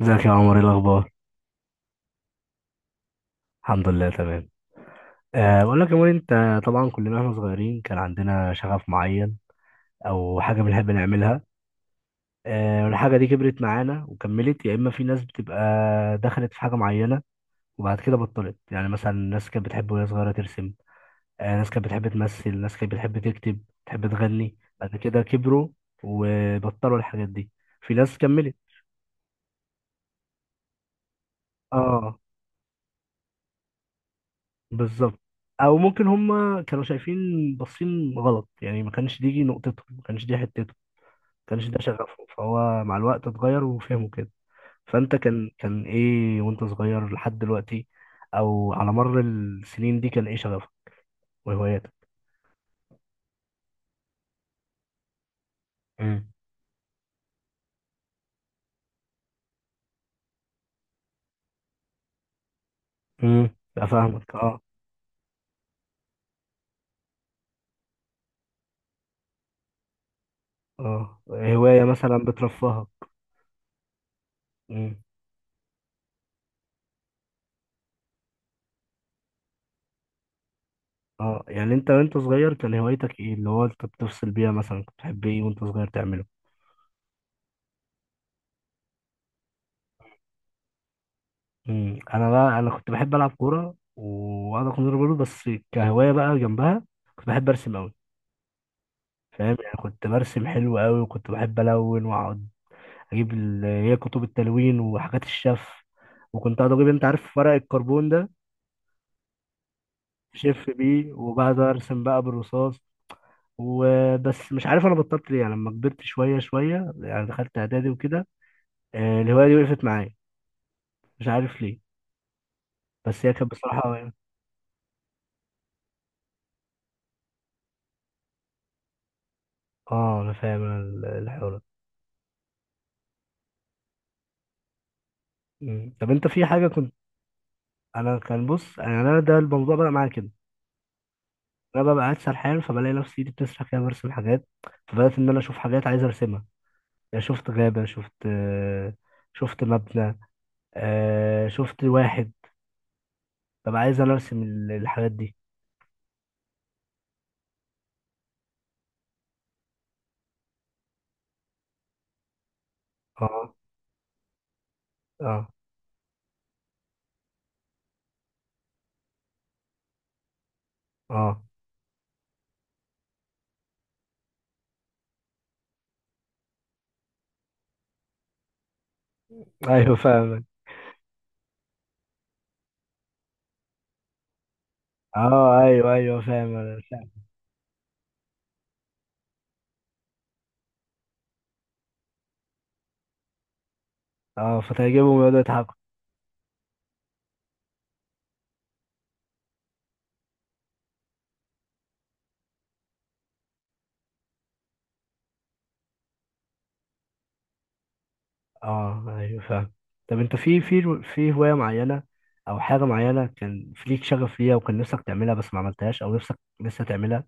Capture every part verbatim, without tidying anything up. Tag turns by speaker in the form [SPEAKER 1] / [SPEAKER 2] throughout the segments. [SPEAKER 1] ازيك يا عمر؟ ايه الاخبار؟ الحمد لله، تمام. أه بقول لك يا عمر، انت طبعا كلنا واحنا صغيرين كان عندنا شغف معين او حاجه بنحب نعملها. أه والحاجه دي كبرت معانا وكملت، يا اما في ناس بتبقى دخلت في حاجه معينه وبعد كده بطلت. يعني مثلا ناس كانت بتحب وهي صغيره ترسم. أه ناس كانت بتحب تمثل، ناس كانت بتحب تكتب، بتحب تغني، بعد كده كبروا وبطلوا الحاجات دي. في ناس كملت. اه، بالظبط. او ممكن هم كانوا شايفين باصين غلط، يعني ما كانش دي نقطته، ما كانش دي حتته، ما كانش ده شغفه، فهو مع الوقت اتغير وفهمه كده. فانت كان كان ايه وانت صغير لحد دلوقتي، او على مر السنين دي كان ايه شغفك وهواياتك؟ مم. امم، فاهمك، اه. اه، هواية مثلا بترفهك. امم. اه، يعني انت وانت صغير كان هوايتك ايه اللي هو انت بتفصل بيها، مثلا كنت بتحب ايه وانت صغير تعمله؟ مم. انا بقى، انا كنت بحب العب كوره، وانا كنت برضه بس كهوايه بقى جنبها كنت بحب ارسم قوي. فاهم، يعني كنت برسم حلو قوي، وكنت بحب الون واقعد اجيب ال- هي كتب التلوين وحاجات الشف. وكنت اقعد اجيب، انت عارف، ورق الكربون ده، شف بيه، وبعد ارسم بقى بالرصاص. وبس، مش عارف انا بطلت ليه، يعني لما كبرت شويه شويه يعني دخلت اعدادي وكده، آه، الهوايه دي وقفت معايا. مش عارف ليه، بس هي كانت بصراحه... اه، انا فاهم ال- الحوار. مم. طب انت في حاجة كنت... انا كان بص، يعني انا ده الموضوع بقى معايا كده. انا ببقى قاعد سرحان، فبلاقي نفسي ايدي بتسرح كده برسم حاجات. فبدات ان انا اشوف حاجات عايز ارسمها. يعني شفت غابه، شفت، آه، شفت مبنى، آه، شفت واحد، ببقى عايز انا ارسم ال- الحاجات دي. اه اه اه، ايوه فاهم. اه، ايوه ايوه، فاهم انا فاهم. اه، فتعجبهم يقعدوا يضحكوا. اه، ايوه فاهم. طب انت في في في هوايه معينه او حاجه معينه كان في ليك شغف ليها، وكان نفسك تعملها بس ما عملتهاش، او نفسك لسه تعملها؟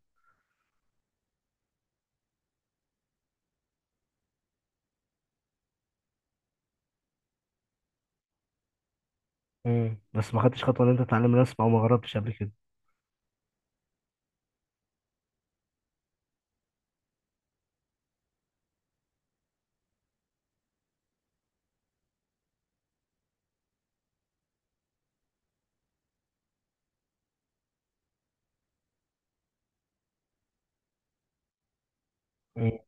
[SPEAKER 1] مم. بس ما خدتش خطوه ان انت تتعلم الرسم، او ما جربتش قبل كده؟ مم.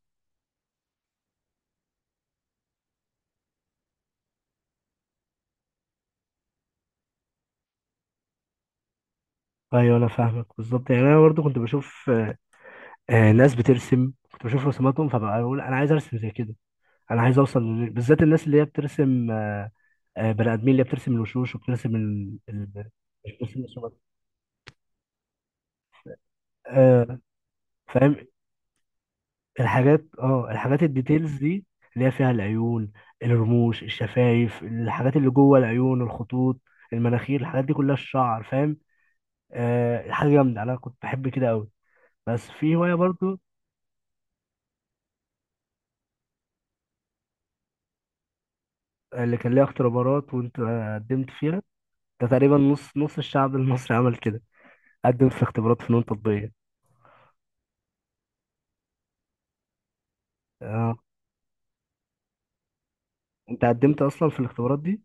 [SPEAKER 1] ايوه، انا فاهمك بالظبط، يعني انا برضو كنت بشوف، آه، ناس بترسم، كنت بشوف رسوماتهم، فبقى بقول انا عايز ارسم زي كده. انا عايز اوصل لل- بالذات الناس اللي هي بترسم، آه، آه، بني ادمين اللي هي بترسم الوشوش وبترسم ال... ال... مش بترسم رسومات. آه، فاهم. الحاجات، اه الحاجات الديتيلز دي اللي هي فيها العيون، الرموش، الشفايف، الحاجات اللي جوه العيون، الخطوط، المناخير، الحاجات دي كلها، الشعر، فاهم. آه، حاجه جامده، انا كنت بحب كده قوي. بس في هواية برضو. آه، اللي كان ليها اختبارات وانت قدمت فيها؟ ده تقريبا نص نص الشعب المصري عمل كده، قدم في اختبارات فنون تطبيقية. اه، انت قدمت اصلا في الاختبارات دي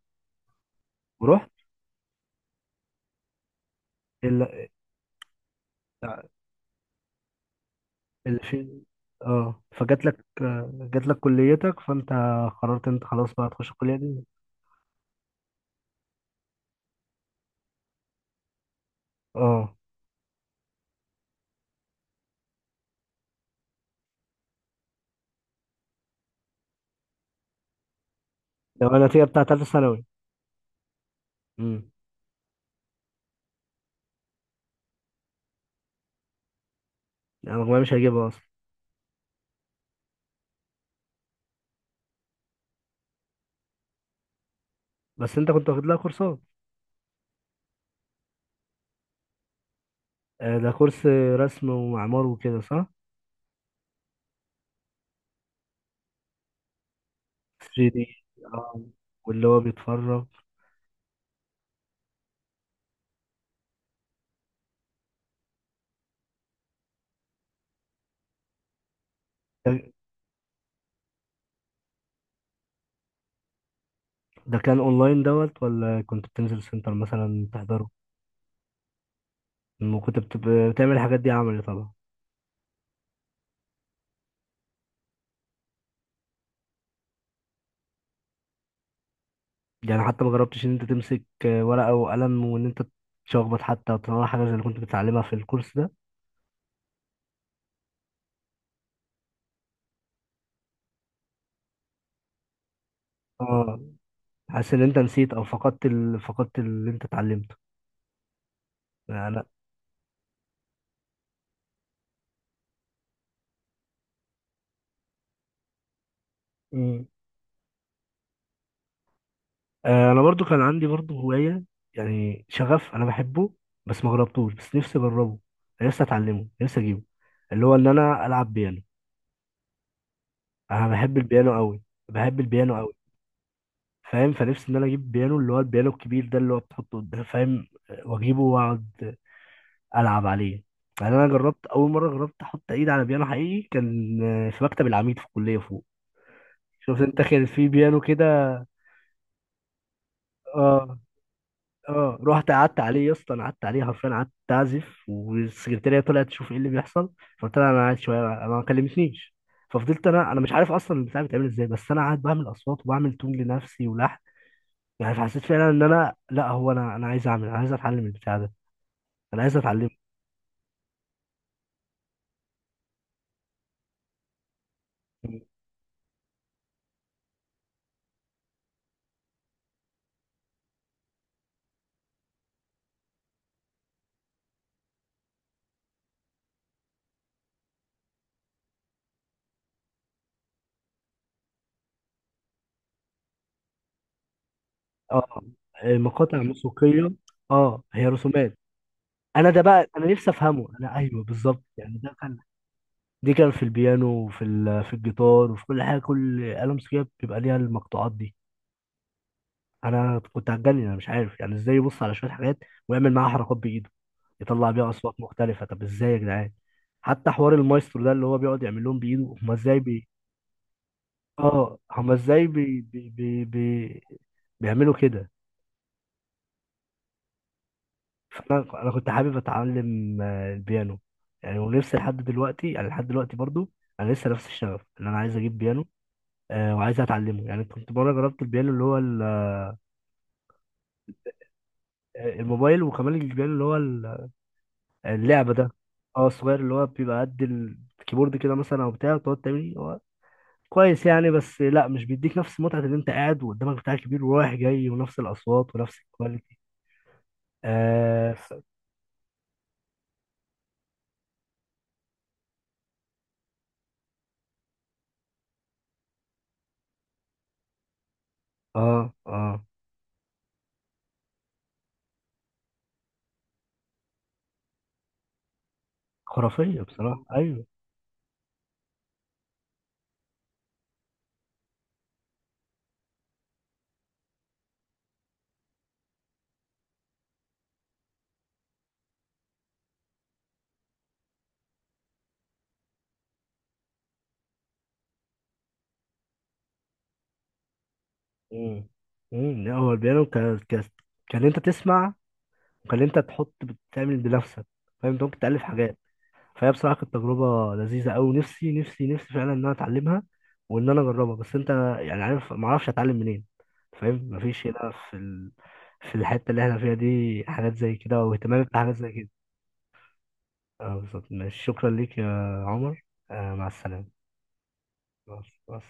[SPEAKER 1] ورحت؟ اللي، في، اه، فجات لك آه، جات لك كليتك، فانت قررت انت خلاص بقى تخش الكلية دي؟ اه، ده بقى النتيجة بتاعت تالتة ثانوي. امم، انا مجموعي مش هجيبها اصلا. بس انت كنت واخد لها كورسات؟ آه، ده كورس رسم ومعمار وكده، صح؟ ثري دي، اه. واللي هو بيتفرج. ده كان اونلاين دوت، ولا كنت بتنزل سنتر مثلا تحضره؟ لما كنت بت- بتعمل الحاجات دي عملي طبعا. يعني حتى ما جربتش ان انت تمسك ورقة وقلم، وان انت تشخبط حتى وتطلع حاجة زي اللي كنت بتتعلمها في الكورس ده؟ اه، حاسس ان انت نسيت او فقدت ال... فقدت اللي انت اتعلمته؟ يعني انا... مم. آه، انا برضو كان عندي برضو هواية، يعني شغف انا بحبه، بس ما جربتوش، بس نفسي اجربه. أنا نفسي اتعلمه، نفسي اجيبه، اللي هو ان انا العب بيانو. انا بحب البيانو قوي، بحب البيانو. فاهم، فنفسي ان انا اجيب بيانو، اللي هو البيانو الكبير ده اللي هو بتحطه قدام، فاهم؟ واجيبه واقعد العب عليه. يعني انا جربت اول مره، جربت احط ايد على بيانو حقيقي، كان آه، في مكتب العميد في الكليه فوق. شفت انت كان في بيانو كده؟ اه اه، رحت قعدت عليه يا اسطى، انا قعدت عليه حرفيا، قعدت اعزف، والسكرتيره طلعت تشوف ايه اللي بيحصل. فقلت لها انا قاعد شويه، انا ما كلمتنيش. ففضلت انا انا مش عارف اصلا البتاع بيتعمل ازاي، بس انا قاعد بعمل اصوات، وبعمل تون لنفسي، ولحن. يعني حسيت فعلا ان انا، لا، هو انا انا عايز اعمل، انا عايز اتعلم البتاع ده، انا عايز اتعلم. اه، مقاطع موسيقيه. اه، هي رسومات. انا ده بقى، انا نفسي افهمه، انا، ايوه بالظبط، يعني ده كان... دي كان في البيانو، وفي ال... في الجيتار، وفي كل حاجه، كل آلة موسيقيه بيبقى ليها المقطوعات دي. انا كنت هتجنن، انا مش عارف يعني ازاي يبص على شويه حاجات، ويعمل معاها حركات بايده، يطلع بيها اصوات مختلفه، طب ازاي يا جدعان؟ حتى حوار المايسترو ده اللي هو بيقعد يعمل لهم بايده، هم ازاي؟ اه، هما ازاي بي بي بي بي بيعملوا كده. فانا انا كنت حابب اتعلم آه، البيانو. يعني ونفسي لحد دلوقتي، يعني لحد دلوقتي برضو انا لسه نفس الشغف ان انا عايز اجيب بيانو. آه، وعايز اتعلمه، يعني كنت مره جربت البيانو اللي هو ال- آه، الموبايل، وكمان البيانو اللي هو ال- اللعبه ده. اه، الصغير اللي هو بيبقى قد الكيبورد كده مثلا، او بتاع تقعد تعمل، هو كويس يعني، بس لا، مش بيديك نفس متعه ان انت قاعد وقدامك بتاع كبير ورايح جاي، ونفس الاصوات ونفس الكواليتي. آه، اه اه، خرافية بصراحة، ايوه. امم امم، لا، هو البيانو كان كان، كان انت تسمع، وكان انت تحط بتعمل بنفسك، فاهم، انت ممكن تألف حاجات. فهي بصراحة كانت تجربة لذيذة أوي، نفسي نفسي نفسي فعلا ان انا اتعلمها، وان انا اجربها، بس انت، يعني عارف، ما اعرفش اتعلم منين. فاهم، مفيش هنا في ال... في الحتة اللي احنا فيها دي حاجات زي كده، واهتمام بحاجات زي كده. اه بالظبط، ماشي، شكرا ليك يا عمر، آه، مع السلامة. بس بس.